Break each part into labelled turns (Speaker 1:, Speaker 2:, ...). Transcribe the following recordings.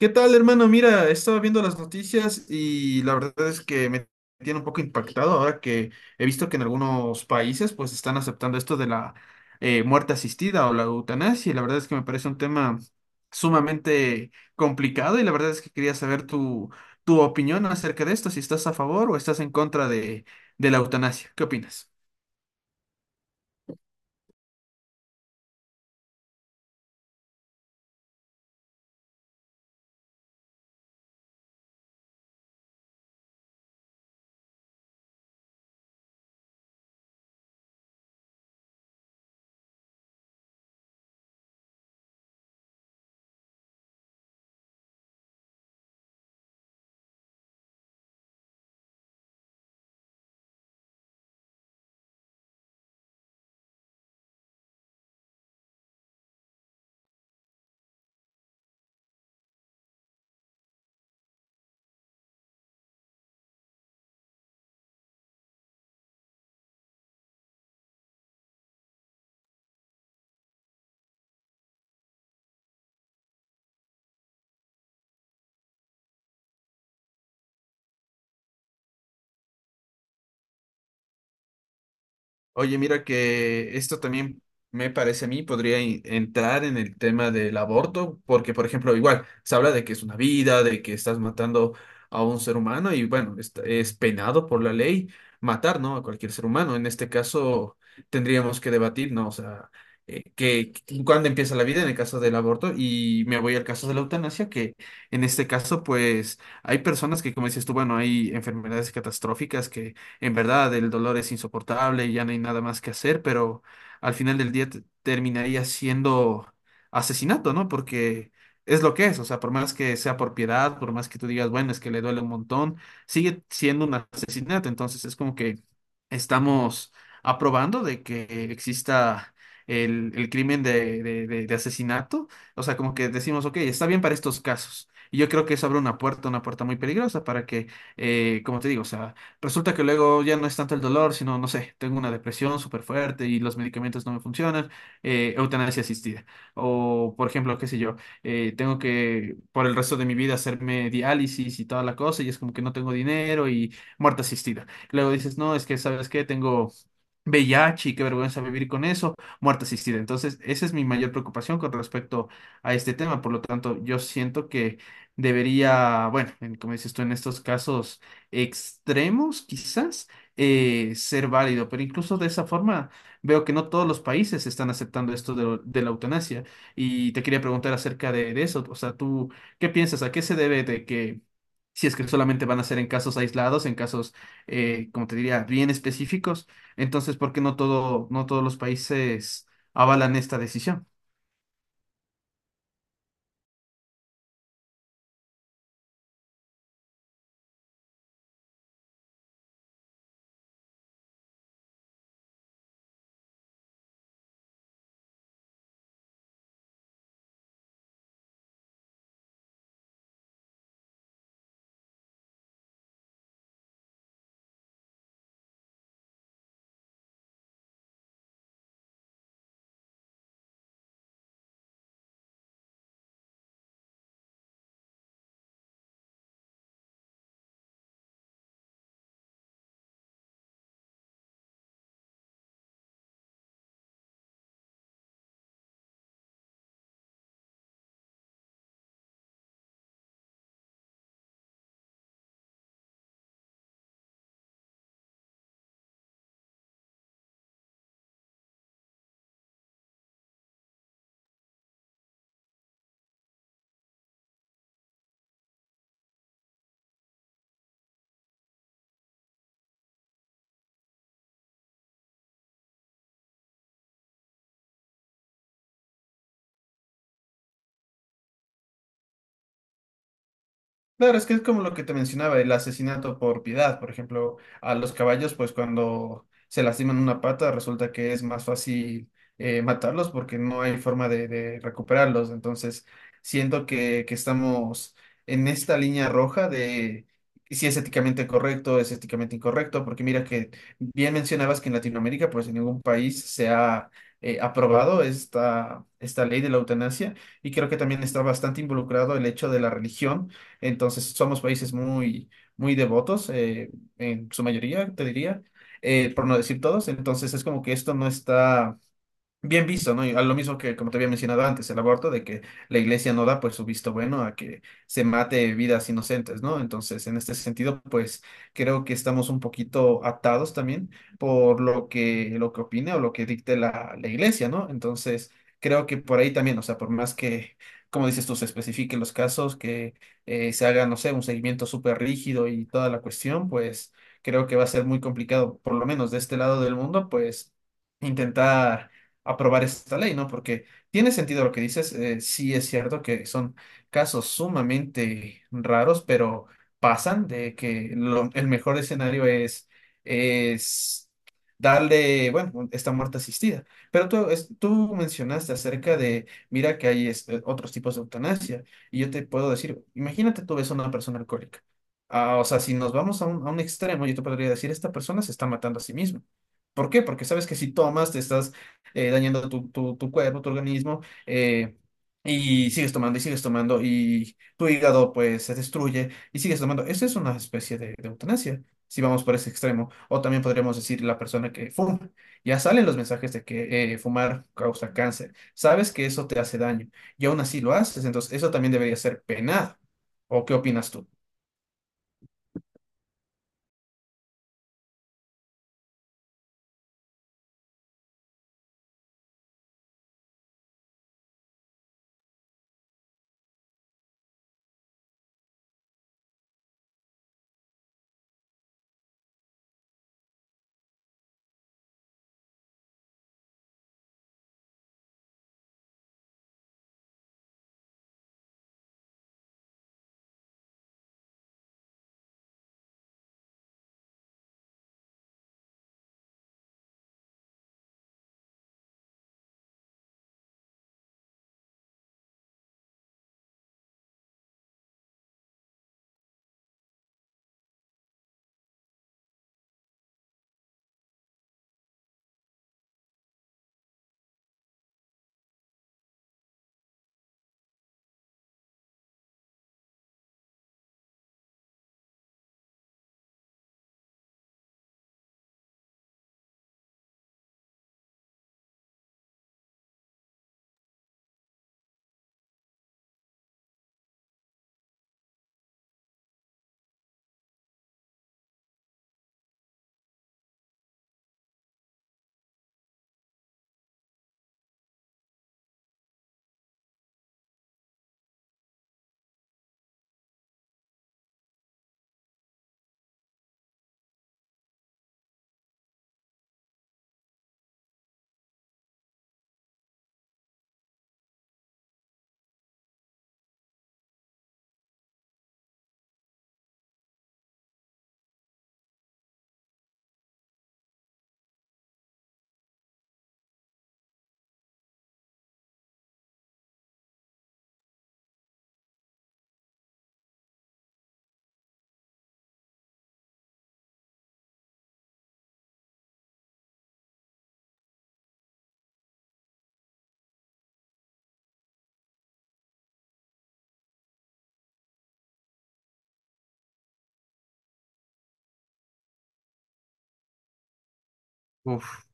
Speaker 1: ¿Qué tal, hermano? Mira, estaba viendo las noticias y la verdad es que me tiene un poco impactado ahora que he visto que en algunos países pues están aceptando esto de la muerte asistida o la eutanasia y la verdad es que me parece un tema sumamente complicado y la verdad es que quería saber tu opinión acerca de esto, si estás a favor o estás en contra de la eutanasia. ¿Qué opinas? Oye, mira que esto también me parece a mí podría entrar en el tema del aborto, porque por ejemplo, igual se habla de que es una vida, de que estás matando a un ser humano y bueno, es, penado por la ley matar, ¿no? A cualquier ser humano. En este caso tendríamos que debatir, ¿no? O sea, cuándo empieza la vida en el caso del aborto y me voy al caso de la eutanasia, que en este caso pues hay personas que, como dices tú, bueno, hay enfermedades catastróficas que en verdad el dolor es insoportable y ya no hay nada más que hacer, pero al final del día terminaría siendo asesinato, ¿no? Porque es lo que es, o sea, por más que sea por piedad, por más que tú digas, bueno, es que le duele un montón, sigue siendo un asesinato, entonces es como que estamos aprobando de que exista el crimen de asesinato, o sea, como que decimos, ok, está bien para estos casos. Y yo creo que eso abre una puerta muy peligrosa para que, como te digo, o sea, resulta que luego ya no es tanto el dolor, sino, no sé, tengo una depresión súper fuerte y los medicamentos no me funcionan, eutanasia asistida. O, por ejemplo, qué sé yo, tengo que por el resto de mi vida hacerme diálisis y toda la cosa y es como que no tengo dinero y muerte asistida. Luego dices, no, es que, ¿sabes qué? Tengo VIH y qué vergüenza vivir con eso, muerte asistida. Entonces, esa es mi mayor preocupación con respecto a este tema. Por lo tanto, yo siento que debería, bueno, como dices tú, en estos casos extremos, quizás, ser válido. Pero incluso de esa forma veo que no todos los países están aceptando esto de la eutanasia. Y te quería preguntar acerca de eso. O sea, ¿tú qué piensas? ¿A qué se debe de que, si es que solamente van a ser en casos aislados, en casos, como te diría, bien específicos, entonces, ¿por qué no todos los países avalan esta decisión? Claro, es que es como lo que te mencionaba, el asesinato por piedad. Por ejemplo, a los caballos, pues cuando se lastiman una pata, resulta que es más fácil matarlos porque no hay forma de recuperarlos. Entonces, siento que estamos en esta línea roja de si es éticamente correcto, es éticamente incorrecto, porque mira que bien mencionabas que en Latinoamérica, pues en ningún país se ha aprobado esta ley de la eutanasia y creo que también está bastante involucrado el hecho de la religión. Entonces, somos países muy devotos, en su mayoría, te diría, por no decir todos. Entonces, es como que esto no está bien visto, ¿no? Y a lo mismo que, como te había mencionado antes, el aborto, de que la iglesia no da pues su visto bueno a que se mate vidas inocentes, ¿no? Entonces, en este sentido, pues creo que estamos un poquito atados también por lo lo que opine o lo que dicte la iglesia, ¿no? Entonces, creo que por ahí también, o sea, por más que, como dices tú, se especifiquen los casos, que se haga, no sé, un seguimiento súper rígido y toda la cuestión, pues creo que va a ser muy complicado, por lo menos de este lado del mundo, pues intentar aprobar esta ley, ¿no? Porque tiene sentido lo que dices, sí es cierto que son casos sumamente raros, pero pasan de que el mejor escenario es darle, bueno, esta muerte asistida. Pero tú, tú mencionaste acerca de, mira que hay otros tipos de eutanasia, y yo te puedo decir, imagínate tú ves a una persona alcohólica. Ah, o sea, si nos vamos a a un extremo, yo te podría decir, esta persona se está matando a sí misma. ¿Por qué? Porque sabes que si tomas, te estás dañando tu cuerpo, tu organismo, eh, y sigues tomando y sigues tomando y tu hígado pues se destruye y sigues tomando. Eso es una especie de eutanasia, si vamos por ese extremo. O también podríamos decir la persona que fuma. Ya salen los mensajes de que fumar causa cáncer. Sabes que eso te hace daño y aún así lo haces, entonces eso también debería ser penado. ¿O qué opinas tú? Uf.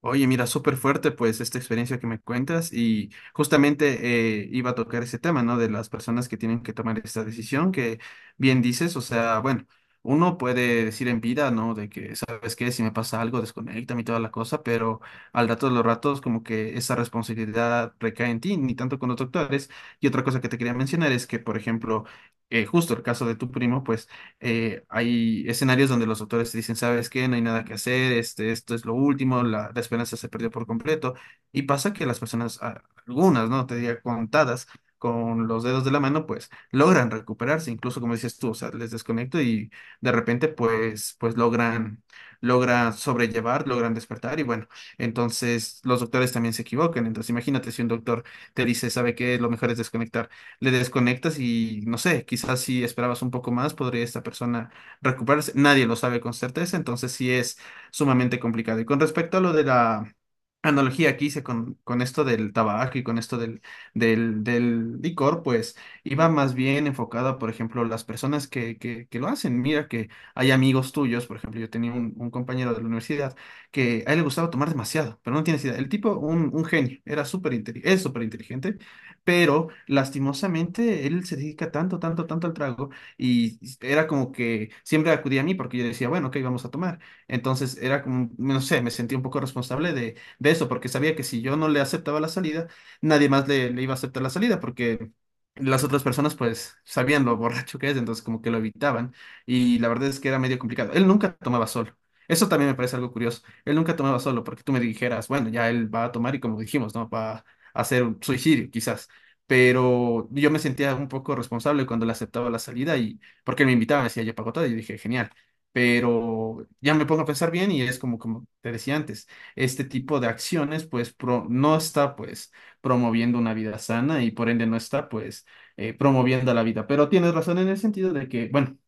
Speaker 1: Oye, mira, súper fuerte pues esta experiencia que me cuentas y justamente iba a tocar ese tema, ¿no? De las personas que tienen que tomar esta decisión, que bien dices, o sea, bueno, uno puede decir en vida, ¿no? De que, ¿sabes qué? Si me pasa algo, desconéctame y toda la cosa, pero al rato de los ratos como que esa responsabilidad recae en ti, ni tanto con los doctores. Y otra cosa que te quería mencionar es que, por ejemplo, justo el caso de tu primo, pues hay escenarios donde los autores te dicen, ¿sabes qué? No hay nada que hacer, este, esto es lo último, la esperanza se perdió por completo. Y pasa que las personas, algunas, ¿no? Te diría contadas con los dedos de la mano, pues logran recuperarse, incluso como dices tú, o sea, les desconecto y de repente, pues logran sobrellevar, logran despertar y bueno, entonces los doctores también se equivocan. Entonces imagínate si un doctor te dice, ¿sabe qué? Lo mejor es desconectar, le desconectas y no sé, quizás si esperabas un poco más, podría esta persona recuperarse. Nadie lo sabe con certeza, entonces sí es sumamente complicado. Y con respecto a lo de la analogía que hice con esto del tabaco y con esto del licor, pues iba más bien enfocada, por ejemplo, las personas que lo hacen. Mira que hay amigos tuyos, por ejemplo, yo tenía un compañero de la universidad que a él le gustaba tomar demasiado, pero no tienes idea. El tipo, un genio, es súper inteligente, pero lastimosamente él se dedica tanto al trago y era como que siempre acudía a mí porque yo decía, bueno, ok, vamos a tomar. Entonces era como, no sé, me sentí un poco responsable de eso porque sabía que si yo no le aceptaba la salida, nadie más le iba a aceptar la salida porque las otras personas pues sabían lo borracho que es, entonces como que lo evitaban y la verdad es que era medio complicado. Él nunca tomaba solo. Eso también me parece algo curioso. Él nunca tomaba solo porque tú me dijeras, bueno, ya él va a tomar y como dijimos, ¿no? Va a hacer un suicidio, quizás, pero yo me sentía un poco responsable cuando le aceptaba la salida y porque él me invitaba, decía ya pago todo", y yo dije, genial. Pero ya me pongo a pensar bien y es como, como te decía antes, este tipo de acciones pues no está pues promoviendo una vida sana y por ende no está pues promoviendo la vida. Pero tienes razón en el sentido de que, bueno,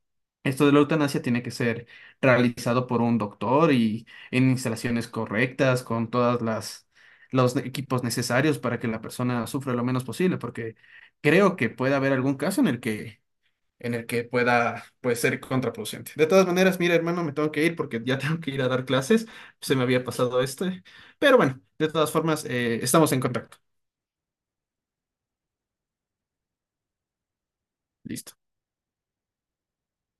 Speaker 1: esto de la eutanasia tiene que ser realizado por un doctor y en instalaciones correctas, con todas las los equipos necesarios para que la persona sufra lo menos posible, porque creo que puede haber algún caso en el en el que pueda, pues, ser contraproducente. De todas maneras, mira, hermano, me tengo que ir porque ya tengo que ir a dar clases. Se me había pasado este. Pero bueno, de todas formas, estamos en contacto. Listo.